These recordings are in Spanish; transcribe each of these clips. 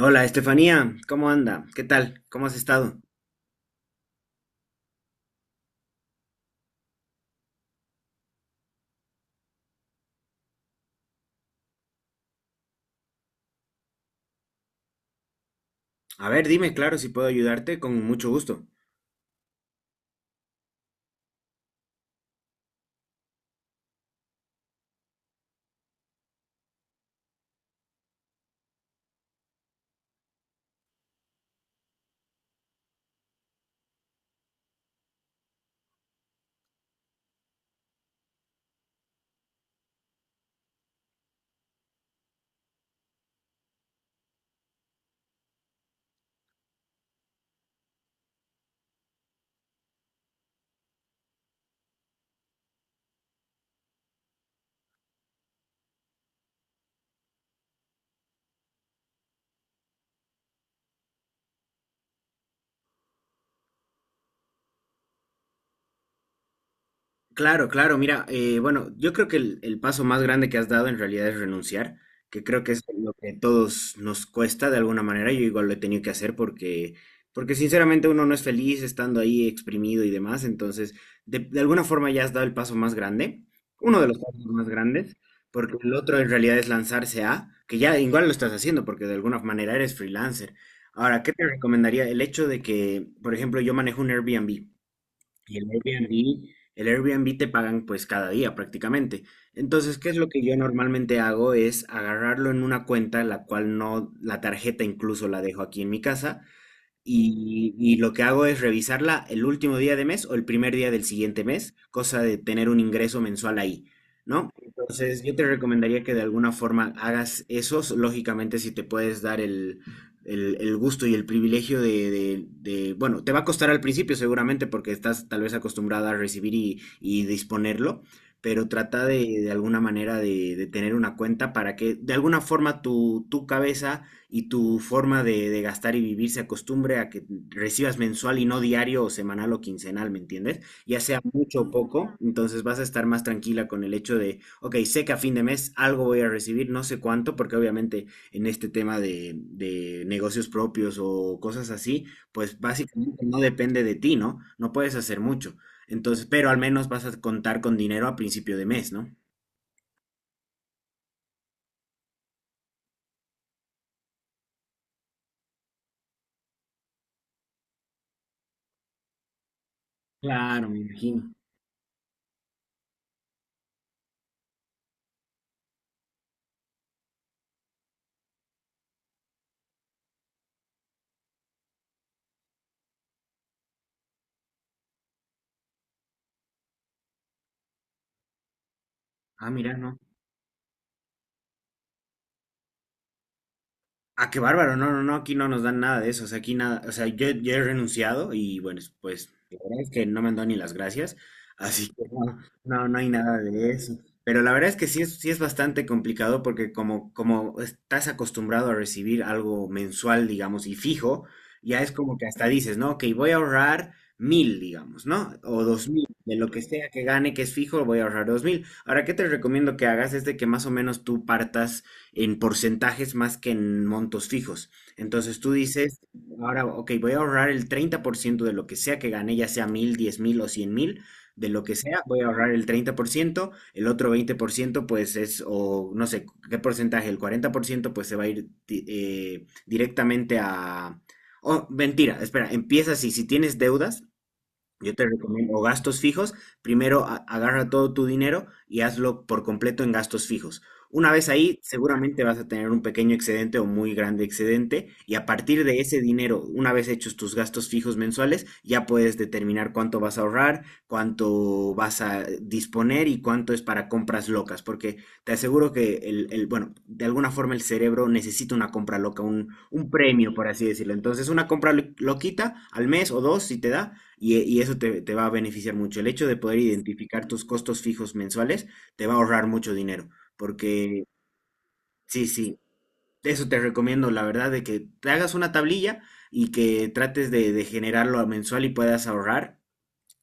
Hola, Estefanía, ¿cómo anda? ¿Qué tal? ¿Cómo has estado? A ver, dime, claro, si puedo ayudarte, con mucho gusto. Claro, claro, mira, bueno, yo creo que el paso más grande que has dado en realidad es renunciar, que creo que es lo que todos nos cuesta de alguna manera, yo igual lo he tenido que hacer porque, porque sinceramente uno no es feliz estando ahí exprimido y demás, entonces de alguna forma ya has dado el paso más grande, uno de los pasos más grandes, porque el otro en realidad es lanzarse a, que ya igual lo estás haciendo porque de alguna manera eres freelancer. Ahora, ¿qué te recomendaría? El hecho de que, por ejemplo, yo manejo un Airbnb. Y el Airbnb te pagan pues cada día prácticamente. Entonces, ¿qué es lo que yo normalmente hago? Es agarrarlo en una cuenta, la cual no, la tarjeta incluso la dejo aquí en mi casa, y lo que hago es revisarla el último día de mes o el primer día del siguiente mes, cosa de tener un ingreso mensual ahí, ¿no? Entonces, yo te recomendaría que de alguna forma hagas eso, lógicamente si te puedes dar el gusto y el privilegio de, bueno, te va a costar al principio seguramente porque estás tal vez acostumbrada a recibir y disponerlo, pero trata de alguna manera de tener una cuenta para que de alguna forma tu cabeza y tu forma de gastar y vivir se acostumbre a que recibas mensual y no diario o semanal o quincenal, ¿me entiendes? Ya sea mucho o poco, entonces vas a estar más tranquila con el hecho de, ok, sé que a fin de mes algo voy a recibir, no sé cuánto, porque obviamente en este tema de negocios propios o cosas así, pues básicamente no depende de ti, ¿no? No puedes hacer mucho. Entonces, pero al menos vas a contar con dinero a principio de mes, ¿no? Claro, me imagino. Ah, mira, no. Ah, qué bárbaro, no, no, no, aquí no nos dan nada de eso, o sea, aquí nada, o sea, yo he renunciado y bueno, pues la verdad es que no me han dado ni las gracias, así que no, no, no hay nada de eso. Pero la verdad es que sí es bastante complicado porque como, como estás acostumbrado a recibir algo mensual, digamos, y fijo, ya es como que hasta dices, ¿no? Ok, voy a ahorrar mil, digamos, ¿no? O dos mil, de lo que sea que gane, que es fijo, voy a ahorrar dos mil. Ahora, ¿qué te recomiendo que hagas? Es de que más o menos tú partas en porcentajes más que en montos fijos. Entonces tú dices, ahora, ok, voy a ahorrar el 30% de lo que sea que gane, ya sea mil, diez mil o cien mil, de lo que sea, voy a ahorrar el 30% el otro 20% pues es, o no sé, qué porcentaje, el 40% pues se va a ir directamente a... Oh, mentira, espera, empieza así, si tienes deudas, yo te recomiendo gastos fijos. Primero agarra todo tu dinero y hazlo por completo en gastos fijos. Una vez ahí, seguramente vas a tener un pequeño excedente o muy grande excedente y a partir de ese dinero, una vez hechos tus gastos fijos mensuales, ya puedes determinar cuánto vas a ahorrar, cuánto vas a disponer y cuánto es para compras locas, porque te aseguro que bueno, de alguna forma el cerebro necesita una compra loca, un premio, por así decirlo. Entonces, una compra loquita al mes o dos, si te da y eso te va a beneficiar mucho. El hecho de poder identificar tus costos fijos mensuales te va a ahorrar mucho dinero. Porque, sí, sí, eso te recomiendo, la verdad, de que te hagas una tablilla y que trates de generarlo a mensual y puedas ahorrar.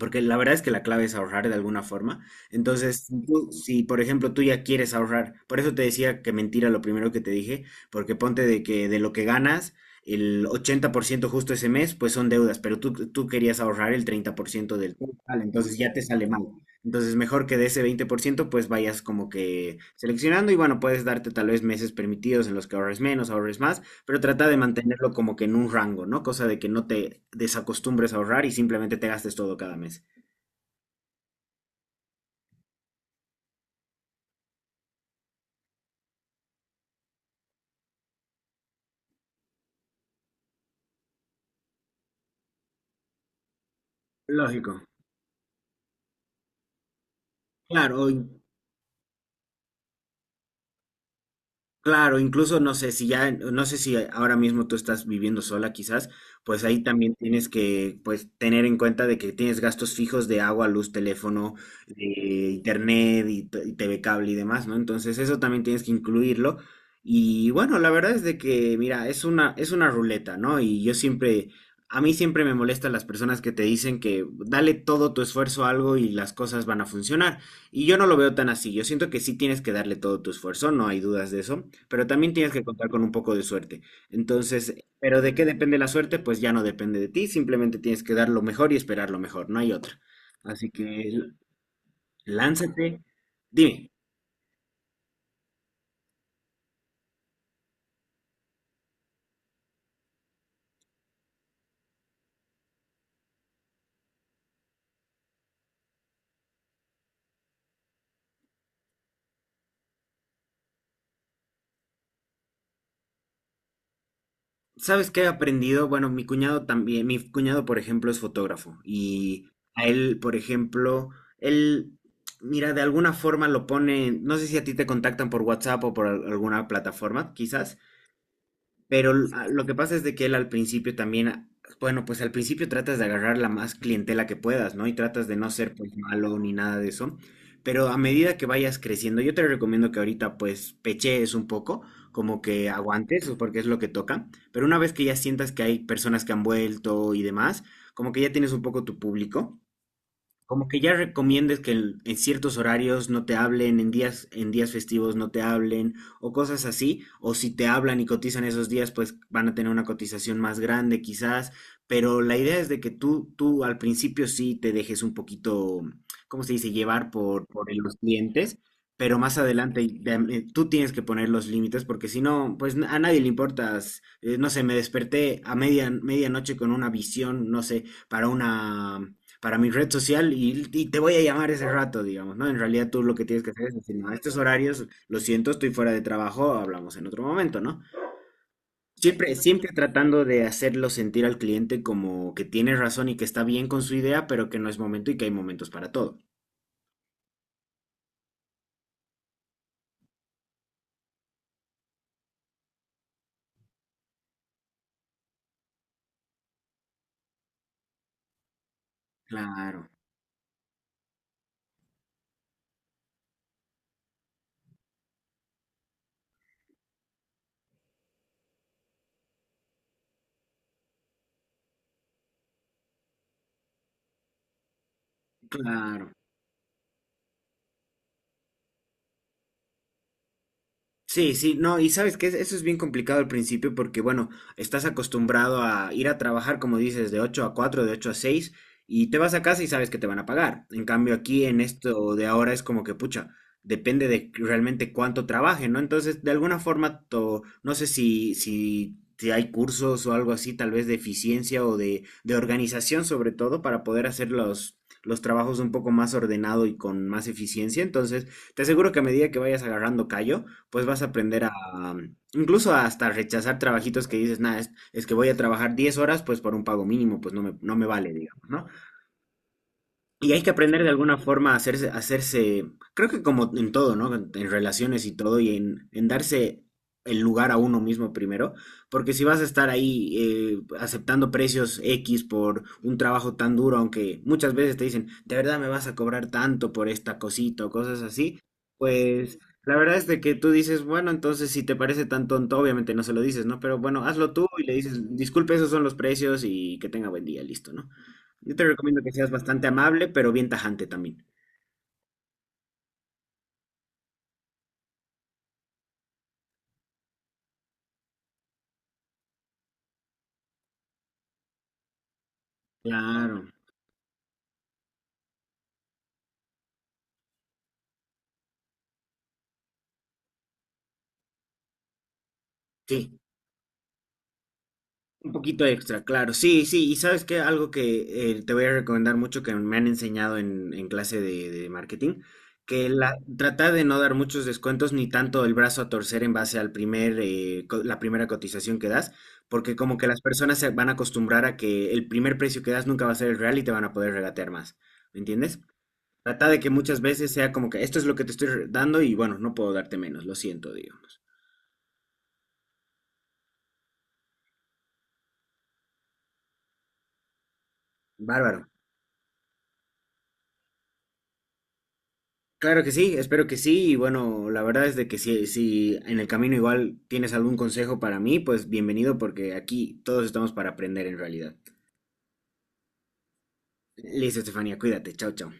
Porque la verdad es que la clave es ahorrar de alguna forma. Entonces, si, por ejemplo tú ya quieres ahorrar, por eso te decía que mentira lo primero que te dije, porque ponte de que de lo que ganas, el 80% justo ese mes, pues son deudas, pero tú querías ahorrar el 30% del total, entonces ya te sale mal. Entonces, mejor que de ese 20%, pues vayas como que seleccionando y bueno, puedes darte tal vez meses permitidos en los que ahorres menos, ahorres más. Pero trata de mantenerlo como que en un rango, ¿no? Cosa de que no te desacostumbres a ahorrar y simplemente te gastes todo cada mes. Lógico. Claro, Claro, incluso no sé si ya, no sé si ahora mismo tú estás viviendo sola quizás, pues ahí también tienes que pues tener en cuenta de que tienes gastos fijos de agua, luz, teléfono, de internet y, y TV cable y demás, ¿no? Entonces eso también tienes que incluirlo. Y bueno, la verdad es de que, mira, es una ruleta, ¿no? Y yo siempre, a mí siempre me molestan las personas que te dicen que dale todo tu esfuerzo a algo y las cosas van a funcionar. Y yo no lo veo tan así. Yo siento que sí tienes que darle todo tu esfuerzo, no hay dudas de eso, pero también tienes que contar con un poco de suerte. Entonces, pero ¿de qué depende la suerte? Pues ya no depende de ti, simplemente tienes que dar lo mejor y esperar lo mejor, no hay otra. Así que l- lánzate. Dime, ¿sabes qué he aprendido? Bueno, mi cuñado también, mi cuñado, por ejemplo, es fotógrafo y a él, por ejemplo, él, mira, de alguna forma lo pone, no sé si a ti te contactan por WhatsApp o por alguna plataforma, quizás. Pero lo que pasa es de que él al principio también, bueno, pues al principio tratas de agarrar la más clientela que puedas, ¿no? Y tratas de no ser pues malo ni nada de eso. Pero a medida que vayas creciendo, yo te recomiendo que ahorita pues pechees un poco, como que aguantes, porque es lo que toca. Pero una vez que ya sientas que hay personas que han vuelto y demás, como que ya tienes un poco tu público, como que ya recomiendes que en ciertos horarios no te hablen, en días festivos no te hablen, o cosas así, o si te hablan y cotizan esos días, pues van a tener una cotización más grande quizás, pero la idea es de que tú al principio sí te dejes un poquito, ¿cómo se dice?, llevar por los clientes, pero más adelante y tú tienes que poner los límites, porque si no, pues a nadie le importas, no sé, me desperté a media, medianoche con una visión, no sé, para una para mi red social y te voy a llamar ese rato, digamos, ¿no? En realidad tú lo que tienes que hacer es decir, no, a estos horarios, lo siento, estoy fuera de trabajo, hablamos en otro momento, ¿no? Siempre, siempre tratando de hacerlo sentir al cliente como que tiene razón y que está bien con su idea, pero que no es momento y que hay momentos para todo. Claro, claro. Sí, sí, no, y sabes que eso es bien complicado al principio porque, bueno, estás acostumbrado a ir a trabajar, como dices, de 8 a 4 de 8 a 6 y te vas a casa y sabes que te van a pagar. En cambio, aquí en esto de ahora es como que, pucha, depende de realmente cuánto trabaje, ¿no? Entonces, de alguna forma, no sé si hay cursos o algo así, tal vez de eficiencia o de organización, sobre todo, para poder hacer los trabajos un poco más ordenado y con más eficiencia. Entonces, te aseguro que a medida que vayas agarrando callo, pues vas a aprender a, incluso hasta rechazar trabajitos que dices, nada, es que voy a trabajar 10 horas, pues por un pago mínimo, pues no me vale, digamos, ¿no? Y hay que aprender de alguna forma a hacerse, creo que como en todo, ¿no? En relaciones y todo, y en darse el lugar a uno mismo primero, porque si vas a estar ahí aceptando precios X por un trabajo tan duro, aunque muchas veces te dicen, de verdad me vas a cobrar tanto por esta cosita o cosas así, pues la verdad es de que tú dices, bueno, entonces si te parece tan tonto, obviamente no se lo dices, ¿no? Pero bueno, hazlo tú y le dices, disculpe, esos son los precios y que tenga buen día, listo, ¿no? Yo te recomiendo que seas bastante amable, pero bien tajante también. Claro, sí. Un poquito extra, claro. Sí, sí. Y sabes que algo que te voy a recomendar mucho que me han enseñado en clase de marketing, que la, trata de no dar muchos descuentos ni tanto el brazo a torcer en base al primer, la primera cotización que das, porque como que las personas se van a acostumbrar a que el primer precio que das nunca va a ser el real y te van a poder regatear más. ¿Me entiendes? Trata de que muchas veces sea como que esto es lo que te estoy dando y bueno, no puedo darte menos, lo siento, digamos. Bárbaro. Claro que sí, espero que sí y bueno, la verdad es de que si, si en el camino igual tienes algún consejo para mí, pues bienvenido porque aquí todos estamos para aprender en realidad. Listo, Estefanía, cuídate, chao, chao.